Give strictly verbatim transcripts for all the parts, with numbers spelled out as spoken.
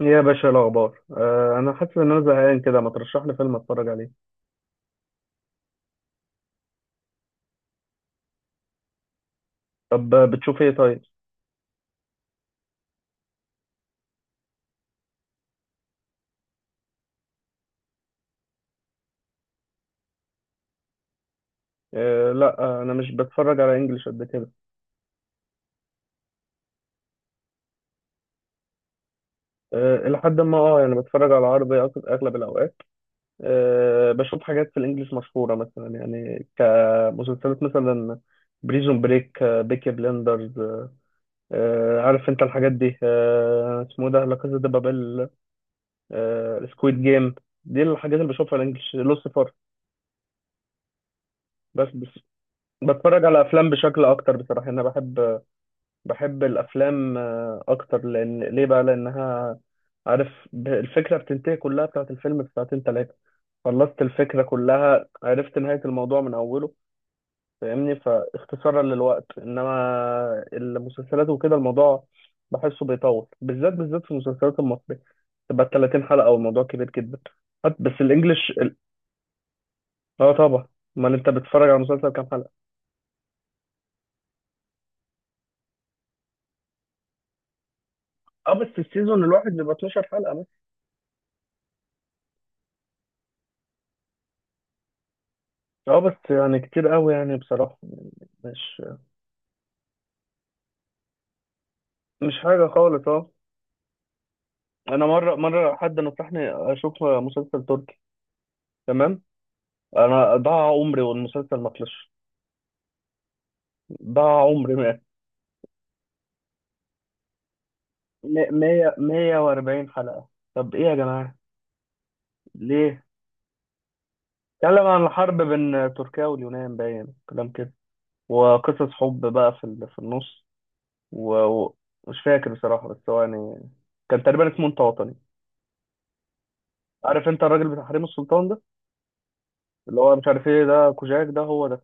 يا باشا، إيه الاخبار؟ آه انا حاسس ان انا زهقان كده، ما ترشح لي فيلم اتفرج عليه. طب، آه، بتشوف ايه طيب؟ آه لا، آه، انا مش بتفرج على انجليش قد كده. آه الى حد ما، اه يعني بتفرج على عربي، أك- اغلب الاوقات. آه بشوف حاجات في الانجليش مشهوره، مثلا يعني كمسلسلات مثلا. بريزون بريك، آه بيكي بلندرز آه آه، عارف انت الحاجات دي، آه اسمه إيه ده، لا كازا دي بابيل. آه سكويد جيم. دي الحاجات اللي بشوفها الانجليش، لوسيفر بس. بتفرج على افلام بشكل اكتر بصراحه، انا بحب بحب الافلام آه، اكتر. لان ليه بقى؟ لانها، عارف، ب- الفكره بتنتهي كلها بتاعت الفيلم في ساعتين ثلاثه. خلصت الفكره كلها، عرفت نهايه الموضوع من اوله. فاهمني، فاختصارا للوقت. انما المسلسلات وكده، الموضوع بحسه بيطول، بالذات بالذات في المسلسلات المصريه، تبقى ثلاثين حلقة حلقه والموضوع كبير جدا. حت- بس الانجليش ال- اه طبعا. امال انت بتتفرج على مسلسل كام حلقه؟ اه بس السيزون الواحد بيبقى اتناشر حلقة حلقه. اه بس يعني كتير قوي، يعني بصراحة. مش مش حاجة خالص اه انا مرة مرة حد نصحني اشوف مسلسل تركي. تمام. انا ضاع عمري والمسلسل ما خلصش. ضاع عمري ما- م- مية مية واربعين حلقة. طب ايه يا جماعة؟ ليه؟ اتكلم عن الحرب بين تركيا واليونان، باين كلام كده، وقصص حب بقى في ال- في النص. ومش فاكر بصراحة، بس هو يعني كان تقريبا اسمه انت وطني. عارف انت الراجل بتاع حريم السلطان ده؟ اللي هو مش عارف ايه ده، كوجاك ده هو ده.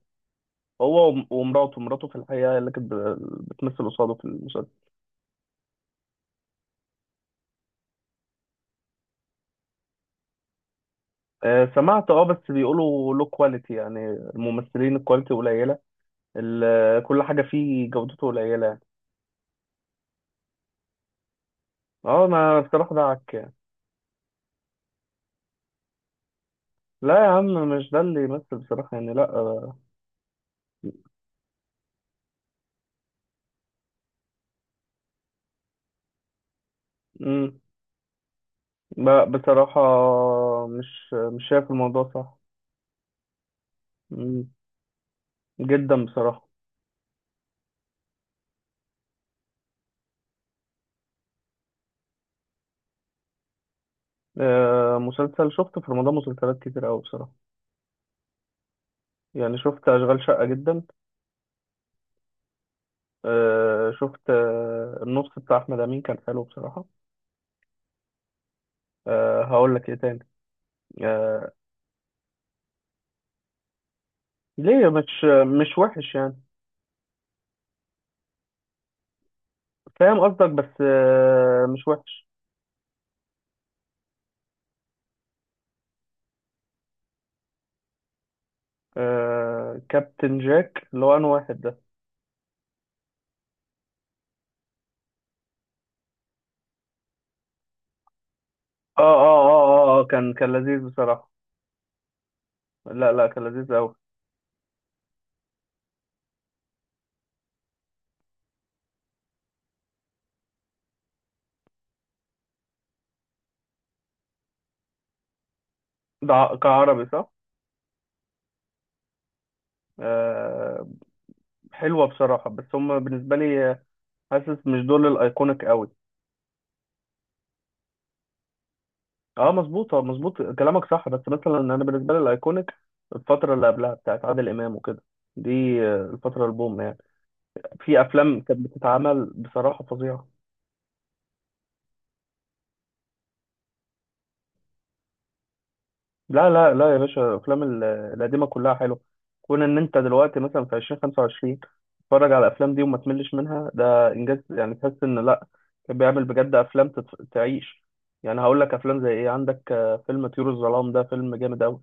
هو وم- ومراته مراته في الحقيقة اللي كانت ب- بتمثل قصاده في المسلسل. آه، سمعت، اه بس بيقولوا له كواليتي، يعني الممثلين الكواليتي قليلة. ال- كل حاجة فيه جودته قليلة يعني. اه ما بصراحة ده عك يعني. لا يا عم. مش ده اللي يمثل بصراحة يعني، لا آه، مم. لا بصراحة، مش مش شايف الموضوع صح. مم. جدا بصراحة. آه، مسلسل شفت في رمضان مسلسلات كتير أوي بصراحة. يعني شفت أشغال شقة جدا. آه شفت، آه النص بتاع احمد امين كان حلو بصراحه. آه هقول لك ايه تاني. آه ليه؟ مش مش وحش يعني. فاهم قصدك، بس آه مش وحش. آه كابتن جاك، اللي هو انا واحد ده. اه اه اه اه آه، كان كان لذيذ بصراحه. لا لا، كان لذيذ قوي. ده ع- كعربي صح. آه. حلوه بصراحه، بس هم بالنسبه لي، آه، حاسس مش دول الايكونيك قوي. اه مظبوط، اه مظبوط، كلامك صح، بس مثلا انا بالنسبه لي الايكونيك الفتره اللي قبلها بتاعت عادل امام وكده. دي، آه، الفتره البوم يعني. في افلام كانت بتتعمل بصراحه فظيعه. لا لا لا يا باشا، الافلام ال- القديمه كلها حلوه. كون ان انت دلوقتي مثلا في ألفين وخمسة وعشرين تتفرج على الافلام دي وما تملش منها، ده انجاز يعني، تحس ان لا، كان بيعمل بجد افلام تت- تعيش. يعني هقول لك افلام زي ايه، عندك آه، فيلم طيور الظلام، ده فيلم جامد قوي.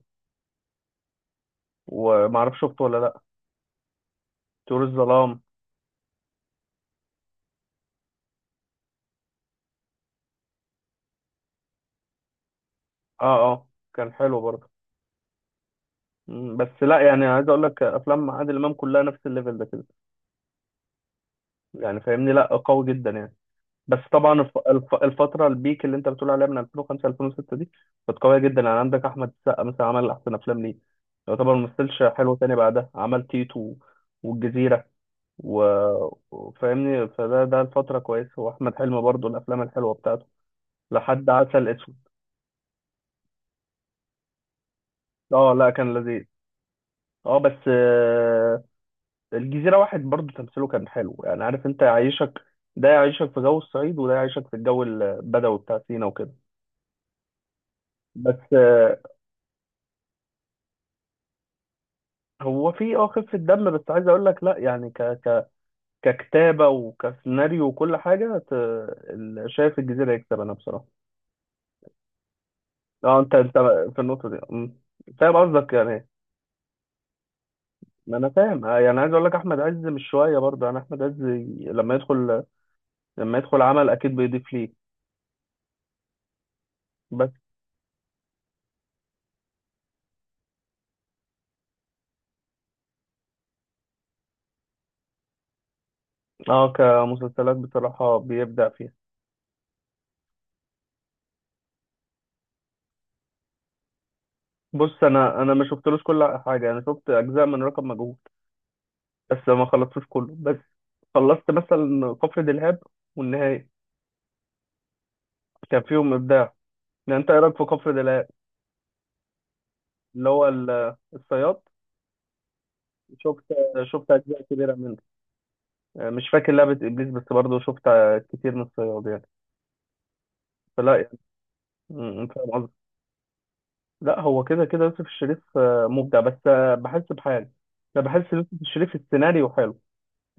ومعرفش شفته ولا لا. طيور الظلام. اه اه. كان حلو برضه. مم، بس لا يعني، عايز اقول لك افلام عادل امام كلها نفس الليفل ده كده. يعني فاهمني، لا قوي جدا يعني. بس طبعا الف... الف... الفتره البيك اللي انت بتقول عليها، من ألفين وخمسة ألفين وستة دي، كانت قويه جدا، يعني عندك احمد السقا مثلا عمل احسن افلام ليه. يعتبر ما مثلش حلو تاني بعدها، عمل تيتو و- والجزيره، و- وفاهمني، فده ده الفتره كويسه، واحمد حلمي برضه الافلام الحلوه بتاعته لحد عسل اسود. اه لا، كان لذيذ. اه بس الجزيرة واحد برضو تمثيله كان حلو، يعني عارف انت يعيشك، ده يعيشك في جو الصعيد، وده يعيشك في الجو البدوي بتاع سينا وكده. بس، آه، هو في اه خفة دم، بس عايز اقول لك لا يعني، ك ك ككتابة وكسيناريو وكل حاجة ت- ال- شايف الجزيرة يكسب انا بصراحة. اه انت انت في النقطة دي. مم. فاهم قصدك يعني إيه؟ ما انا فاهم، آه، يعني عايز اقول لك احمد عز مش شوية برضه، يعني احمد عز، لما يدخل لما يدخل عمل اكيد بيضيف ليه. بس اه كمسلسلات بصراحة بيبدع فيها. بص، انا انا ما شفتلوش كل حاجه، انا شفت اجزاء من رقم مجهول. بس ما خلصتوش كله، بس خلصت مثلا كفر دلهاب والنهايه. كان فيهم ابداع. يعني انت ايه رايك في كفر دلهاب؟ اللي هو ال- الصياد. شفت شفت اجزاء كبيره منه. يعني مش فاكر لعبه ابليس، بس برضه شفت كتير من الصياد يعني. فلا يعني، م- م- فاهم قصدي. لا، هو كده كده يوسف الشريف آه، مبدع، بس آه، بحس بحاجه. انا بحس يوسف الشريف السيناريو حلو،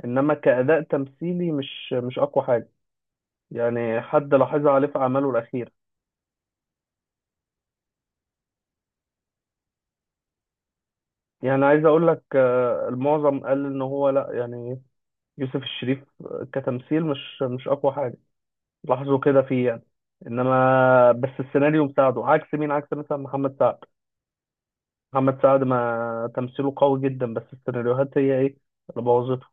انما كاداء تمثيلي مش مش اقوى حاجه. يعني حد لاحظها عليه في أعماله الأخيرة. يعني عايز أقول لك، آه، المعظم قال إن هو لأ يعني. يوسف الشريف كتمثيل مش مش أقوى حاجة، لاحظوا كده فيه يعني. إنما بس السيناريو مساعده، عكس مين؟ عكس مثلا محمد سعد. محمد سعد ما تمثيله قوي جدا، بس السيناريوهات هي إيه اللي بوظته.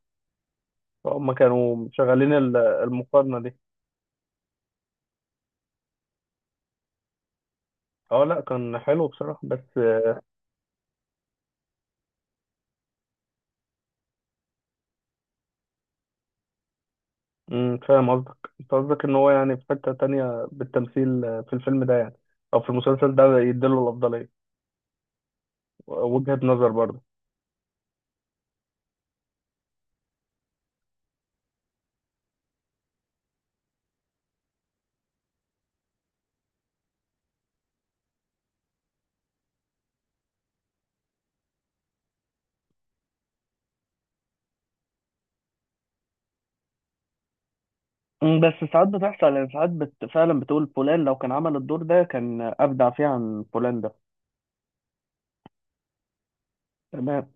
فهم كانوا شغالين، ال- المقارنة دي. اه لا، كان حلو بصراحة بس. امم فاهم قصدك، انت قصدك ان هو يعني في حتة تانية بالتمثيل، آه، في الفيلم ده يعني، او في المسلسل ده، يديله الافضلية. وجهة نظر برضه. مم، بس ساعات بتحصل، يعني ساعات بت... فعلا بتقول فلان لو كان عمل الدور ده كان أبدع فيه عن فلان ده. تمام.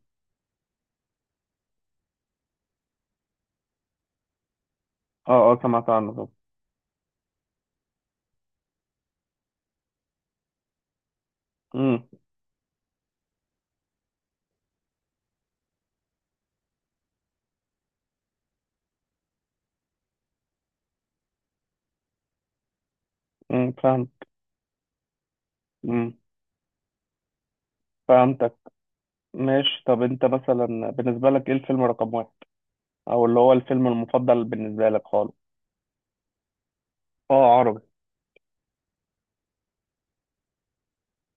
اه، اه سمعت عنه طبعا. امم. امم فاهم. امم فهمتك. ماشي، طب انت مثلا بالنسبة لك ايه الفيلم رقم واحد، او اللي هو الفيلم المفضل بالنسبة لك خالص؟ اه عربي.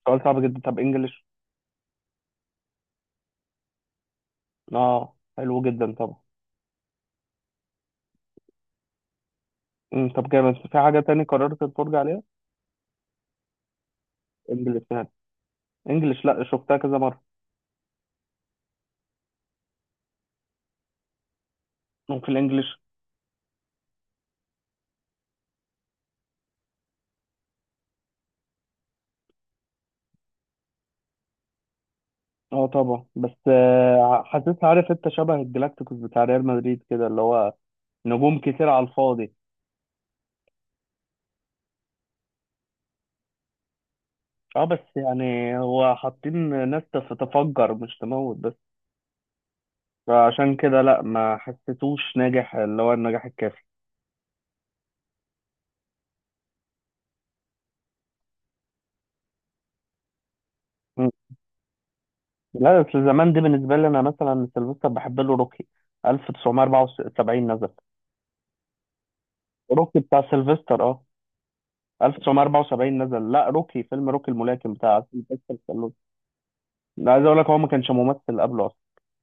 سؤال صعب جدا. طب انجلش؟ اه حلو جدا طبعا. أمم، طب جامد، في حاجة تاني قررت تتفرج عليها؟ انجلش يعني. انجلش لا، شفتها كذا مرة. وفي الانجلش؟ اه طبعا، بس آه، حسيت، عارف انت شبه الجلاكتيكوس بتاع ريال مدريد كده، اللي هو نجوم كتير على الفاضي. اه بس يعني هو حاطين ناس تف- تفجر مش تموت بس. فعشان كده لا، ما حسيتوش ناجح، اللي هو النجاح الكافي. مم. لا بس زمان دي بالنسبة لي، انا مثلا سيلفستر بحب له روكي، ألف وتسعمية واربعة وسبعين نزل. روكي بتاع سيلفستر اه. ألف وتسعمية واربعة وسبعين نزل، لا روكي فيلم، روكي الملاكم بتاع عاصم كاستر سالون. لا، عايز اقول لك هو ما كانش ممثل قبله اصلا،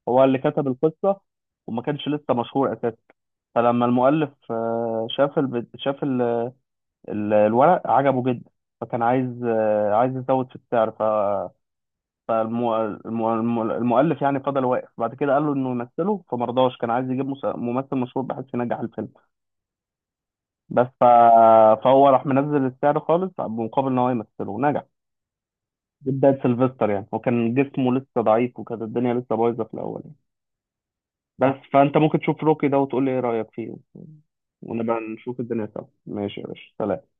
هو اللي كتب القصه، وما كانش لسه مشهور اساسا. فلما المؤلف آه، شاف الب... شاف ال... ال... الورق عجبه جدا، فكان عايز آه، عايز يزود في السعر. ف فالمؤ... الم- الم- المؤلف يعني فضل واقف بعد كده، قال له انه يمثله فمرضاش، كان عايز يجيب مس- ممثل مشهور بحيث ينجح الفيلم. بس ف... فهو راح منزل السعر خالص مقابل ان هو يمثله، نجح. دي بداية سيلفستر، يعني هو كان جسمه لسه ضعيف، وكانت الدنيا لسه بايظة في الأول يعني. بس فأنت ممكن تشوف روكي ده وتقول لي إيه رأيك فيه، ونبقى نشوف الدنيا سوا. ماشي يا باشا، سلام.